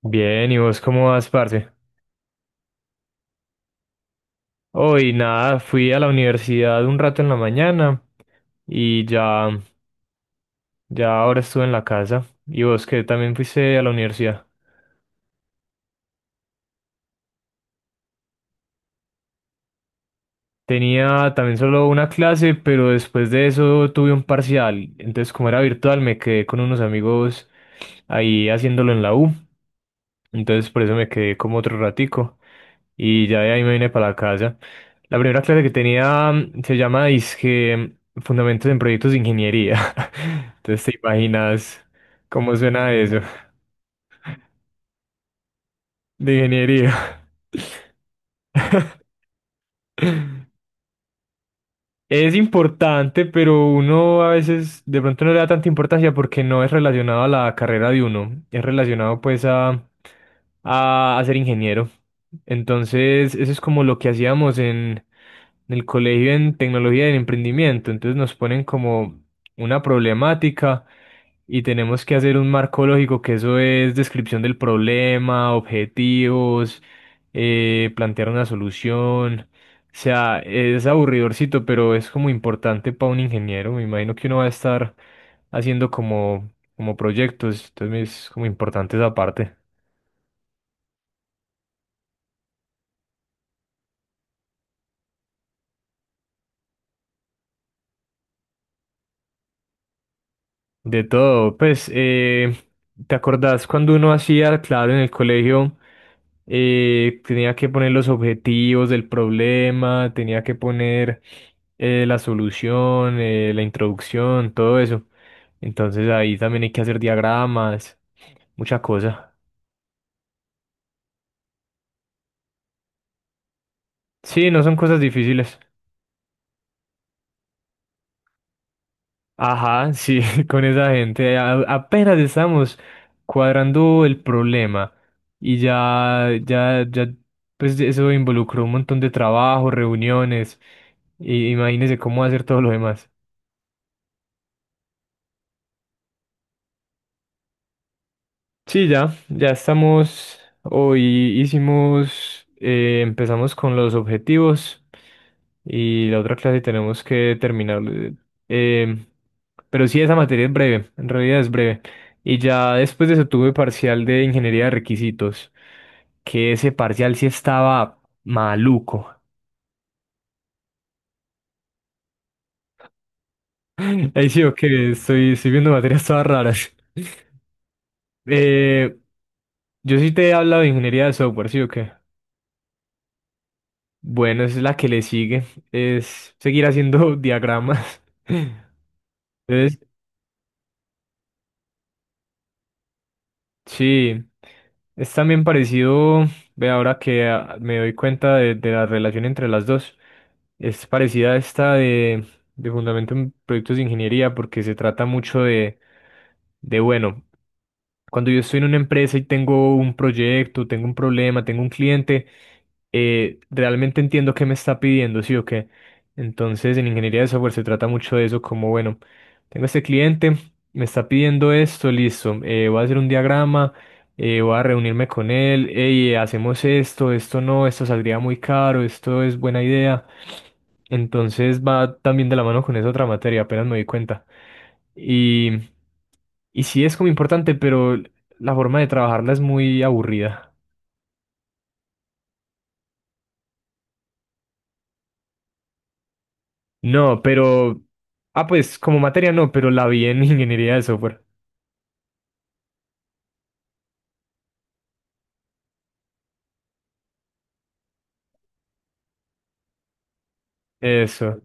Bien, ¿y vos cómo vas, parce? Hoy nada, fui a la universidad un rato en la mañana y ya ahora estuve en la casa. ¿Y vos que también fuiste a la universidad? Tenía también solo una clase, pero después de eso tuve un parcial. Entonces, como era virtual, me quedé con unos amigos ahí haciéndolo en la U. Entonces, por eso me quedé como otro ratico. Y ya de ahí me vine para la casa. La primera clase que tenía se llama Disque Fundamentos en Proyectos de Ingeniería. Entonces te imaginas cómo suena eso de ingeniería. Es importante, pero uno a veces de pronto no le da tanta importancia porque no es relacionado a la carrera de uno. Es relacionado pues a, a ser ingeniero. Entonces eso es como lo que hacíamos en el colegio en tecnología del emprendimiento. Entonces nos ponen como una problemática. Y tenemos que hacer un marco lógico, que eso es descripción del problema, objetivos, plantear una solución. O sea, es aburridorcito, pero es como importante para un ingeniero. Me imagino que uno va a estar haciendo como proyectos, entonces es como importante esa parte. De todo, pues, ¿te acordás cuando uno hacía, claro, en el colegio, tenía que poner los objetivos del problema, tenía que poner la solución, la introducción, todo eso. Entonces ahí también hay que hacer diagramas, mucha cosa. Sí, no son cosas difíciles. Ajá, sí, con esa gente apenas estamos cuadrando el problema y ya, ya, ya, pues eso involucró un montón de trabajo, reuniones, y imagínese cómo hacer todo lo demás. Sí, ya estamos, hoy empezamos con los objetivos. Y la otra clase tenemos que terminar. eh, pero sí, esa materia es breve, en realidad es breve. Y ya después de eso tuve parcial de ingeniería de requisitos, que ese parcial sí estaba maluco. Ahí sí, ok, estoy viendo materias todas raras. Eh, yo sí te he hablado de ingeniería de software, ¿sí o qué? Bueno, es la que le sigue, es seguir haciendo diagramas. Entonces, sí, es también parecido, ve ahora que me doy cuenta de la relación entre las dos, es parecida a esta de Fundamento en Proyectos de Ingeniería porque se trata mucho de bueno. Cuando yo estoy en una empresa y tengo un proyecto, tengo un problema, tengo un cliente, realmente entiendo qué me está pidiendo, ¿sí o qué? Entonces, en ingeniería de software se trata mucho de eso, como, bueno, tengo este cliente, me está pidiendo esto, listo, voy a hacer un diagrama, voy a reunirme con él, hey, hacemos esto, esto no, esto saldría muy caro, esto es buena idea. Entonces va también de la mano con esa otra materia, apenas me di cuenta. Y y sí es como importante, pero la forma de trabajarla es muy aburrida. No, pero. Ah, pues como materia no, pero la vi en ingeniería de software. Eso.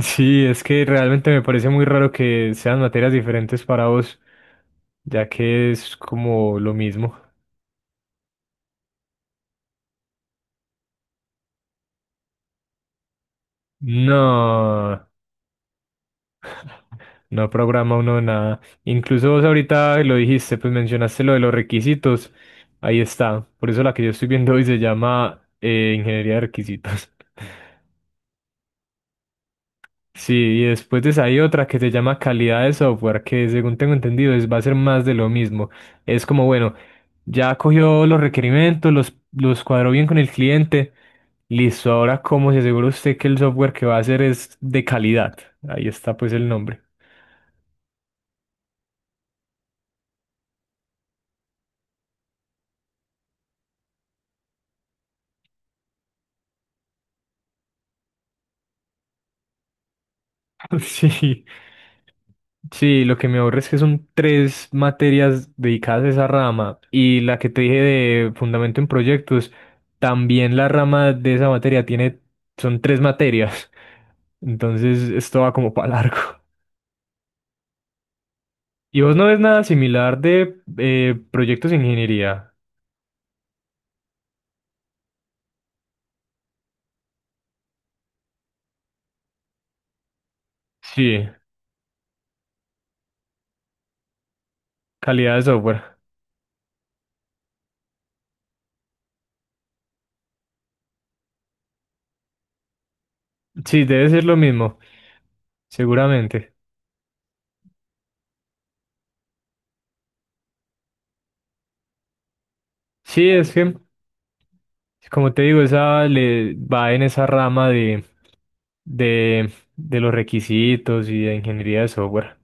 Sí, es que realmente me parece muy raro que sean materias diferentes para vos, ya que es como lo mismo. No, no programa uno nada. Incluso vos ahorita lo dijiste, pues mencionaste lo de los requisitos. Ahí está. Por eso la que yo estoy viendo hoy se llama Ingeniería de Requisitos. Sí, y después de esa hay otra que se llama calidad de software, que según tengo entendido es, va a ser más de lo mismo. Es como, bueno, ya cogió los requerimientos, los cuadró bien con el cliente. Listo, ahora cómo se asegura usted que el software que va a hacer es de calidad. Ahí está pues el nombre. Sí, sí, lo que me aburre es que son tres materias dedicadas a esa rama y la que te dije de fundamento en proyectos, también la rama de esa materia tiene, son tres materias. Entonces, esto va como para largo. ¿Y vos no ves nada similar de proyectos de ingeniería? Sí, calidad de software. Sí, debe ser lo mismo, seguramente. Sí, es que, como te digo, esa le va en esa rama de los requisitos y de ingeniería de software.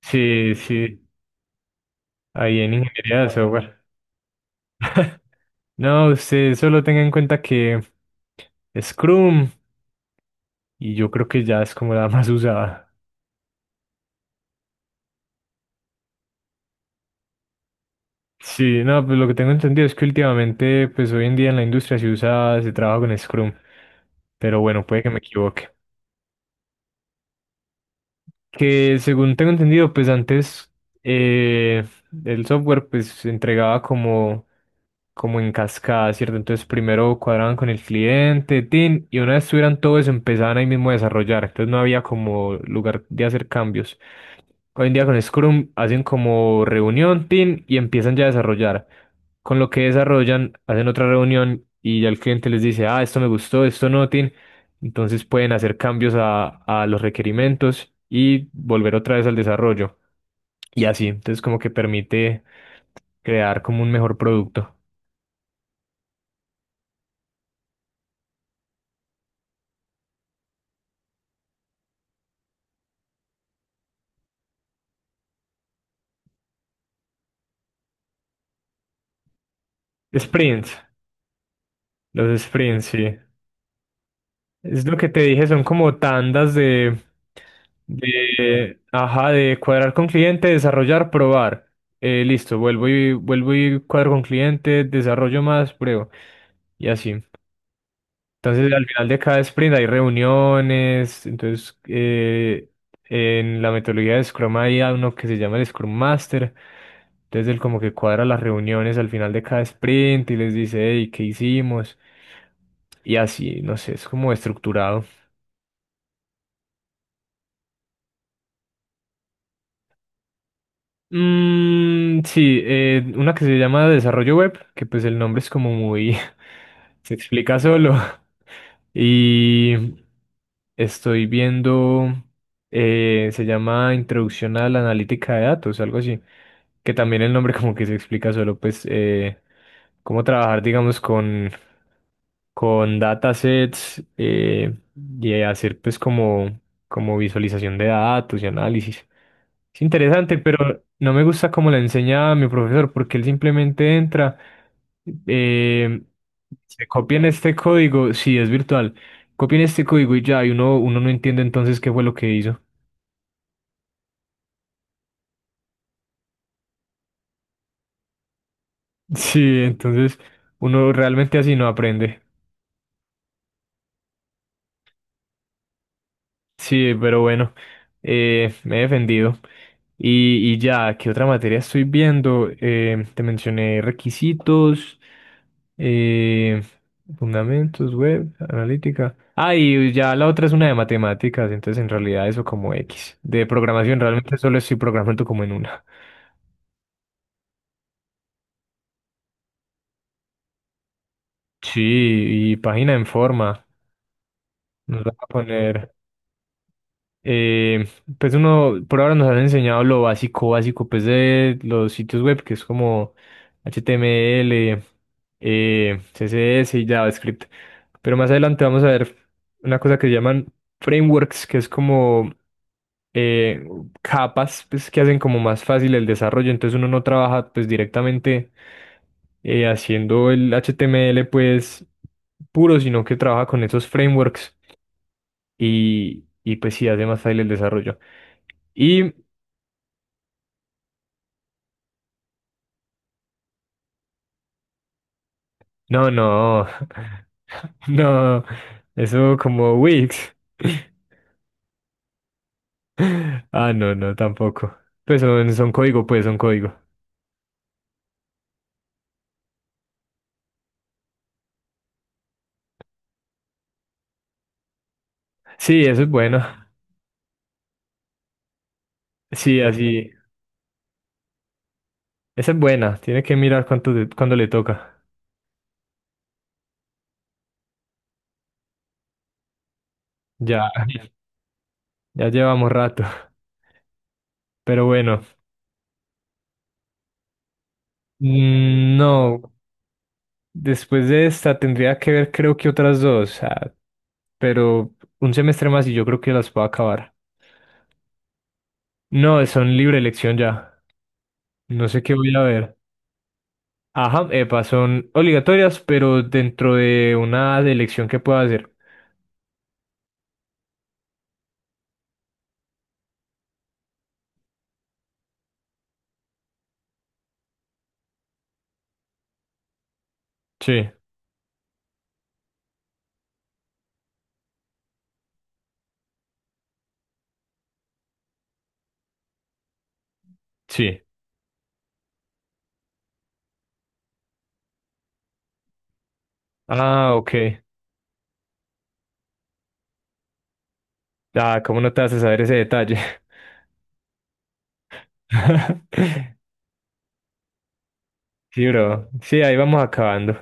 Sí, sí, ahí en ingeniería de software. No, usted solo tenga en cuenta que Scrum, y yo creo que ya es como la más usada. Sí, no, pues lo que tengo entendido es que últimamente, pues hoy en día en la industria se usa, se trabaja con Scrum, pero bueno, puede que me equivoque. Que según tengo entendido, pues antes eh, el software pues se entregaba como en cascada, ¿cierto? Entonces primero cuadraban con el cliente, tin, y una vez tuvieran todo eso empezaban ahí mismo a desarrollar, entonces no había como lugar de hacer cambios. Hoy en día con Scrum hacen como reunión, team, y empiezan ya a desarrollar. Con lo que desarrollan, hacen otra reunión y ya el cliente les dice, ah, esto me gustó, esto no, team. Entonces pueden hacer cambios a los requerimientos y volver otra vez al desarrollo. Y así, entonces como que permite crear como un mejor producto. Sprints, los sprints, sí. Es lo que te dije, son como tandas ajá, de cuadrar con cliente, desarrollar, probar. Listo, vuelvo y vuelvo y cuadro con cliente, desarrollo más, pruebo y así. Entonces, al final de cada sprint hay reuniones. Entonces, en la metodología de Scrum hay a uno que se llama el Scrum Master. Entonces, él como que cuadra las reuniones al final de cada sprint y les dice, hey, ¿qué hicimos? Y así, no sé, es como estructurado. Mm, sí, una que se llama Desarrollo Web, que pues el nombre es como muy. Se explica solo. Y estoy viendo. Se llama Introducción a la Analítica de Datos, algo así. Que también el nombre como que se explica solo, pues, cómo trabajar, digamos, con datasets y hacer pues como visualización de datos y análisis. Es interesante, pero no me gusta cómo la enseña mi profesor, porque él simplemente entra, eh, se copian este código, sí, es virtual, copian este código y ya, y uno no entiende entonces qué fue lo que hizo. Sí, entonces uno realmente así no aprende. Sí, pero bueno, me he defendido. Y ya, ¿qué otra materia estoy viendo? Te mencioné requisitos. Eh, fundamentos, web, analítica. Ah, y ya la otra es una de matemáticas, entonces en realidad eso como X. De programación realmente solo estoy programando como en una. Sí, y página en forma. Nos van a poner, eh, pues uno, por ahora nos han enseñado lo básico, básico, pues de los sitios web, que es como HTML, CSS y JavaScript. Pero más adelante vamos a ver una cosa que llaman frameworks, que es como eh, capas pues, que hacen como más fácil el desarrollo. Entonces uno no trabaja pues directamente haciendo el HTML pues puro, sino que trabaja con esos frameworks y pues sí hace más fácil el desarrollo. Y no, no, no, eso como Wix. Ah, no, no, tampoco. Pues son código, pues son código. Sí, eso es bueno. Sí, así. Esa es buena. Tiene que mirar cuánto, cuándo le toca. Ya, ya llevamos rato. Pero bueno, mm, no, después de esta tendría que ver creo que otras dos, pero un semestre más y yo creo que las puedo acabar. No, son libre elección ya, no sé qué voy a ver. Ajá, epa, son obligatorias, pero dentro de una elección que pueda hacer. Sí, sí. Ah, ok. Ah, ¿cómo no te haces saber ese detalle? Sí, bro. Sí, ahí vamos acabando.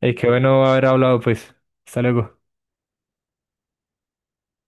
Y qué bueno haber hablado, pues. Hasta luego.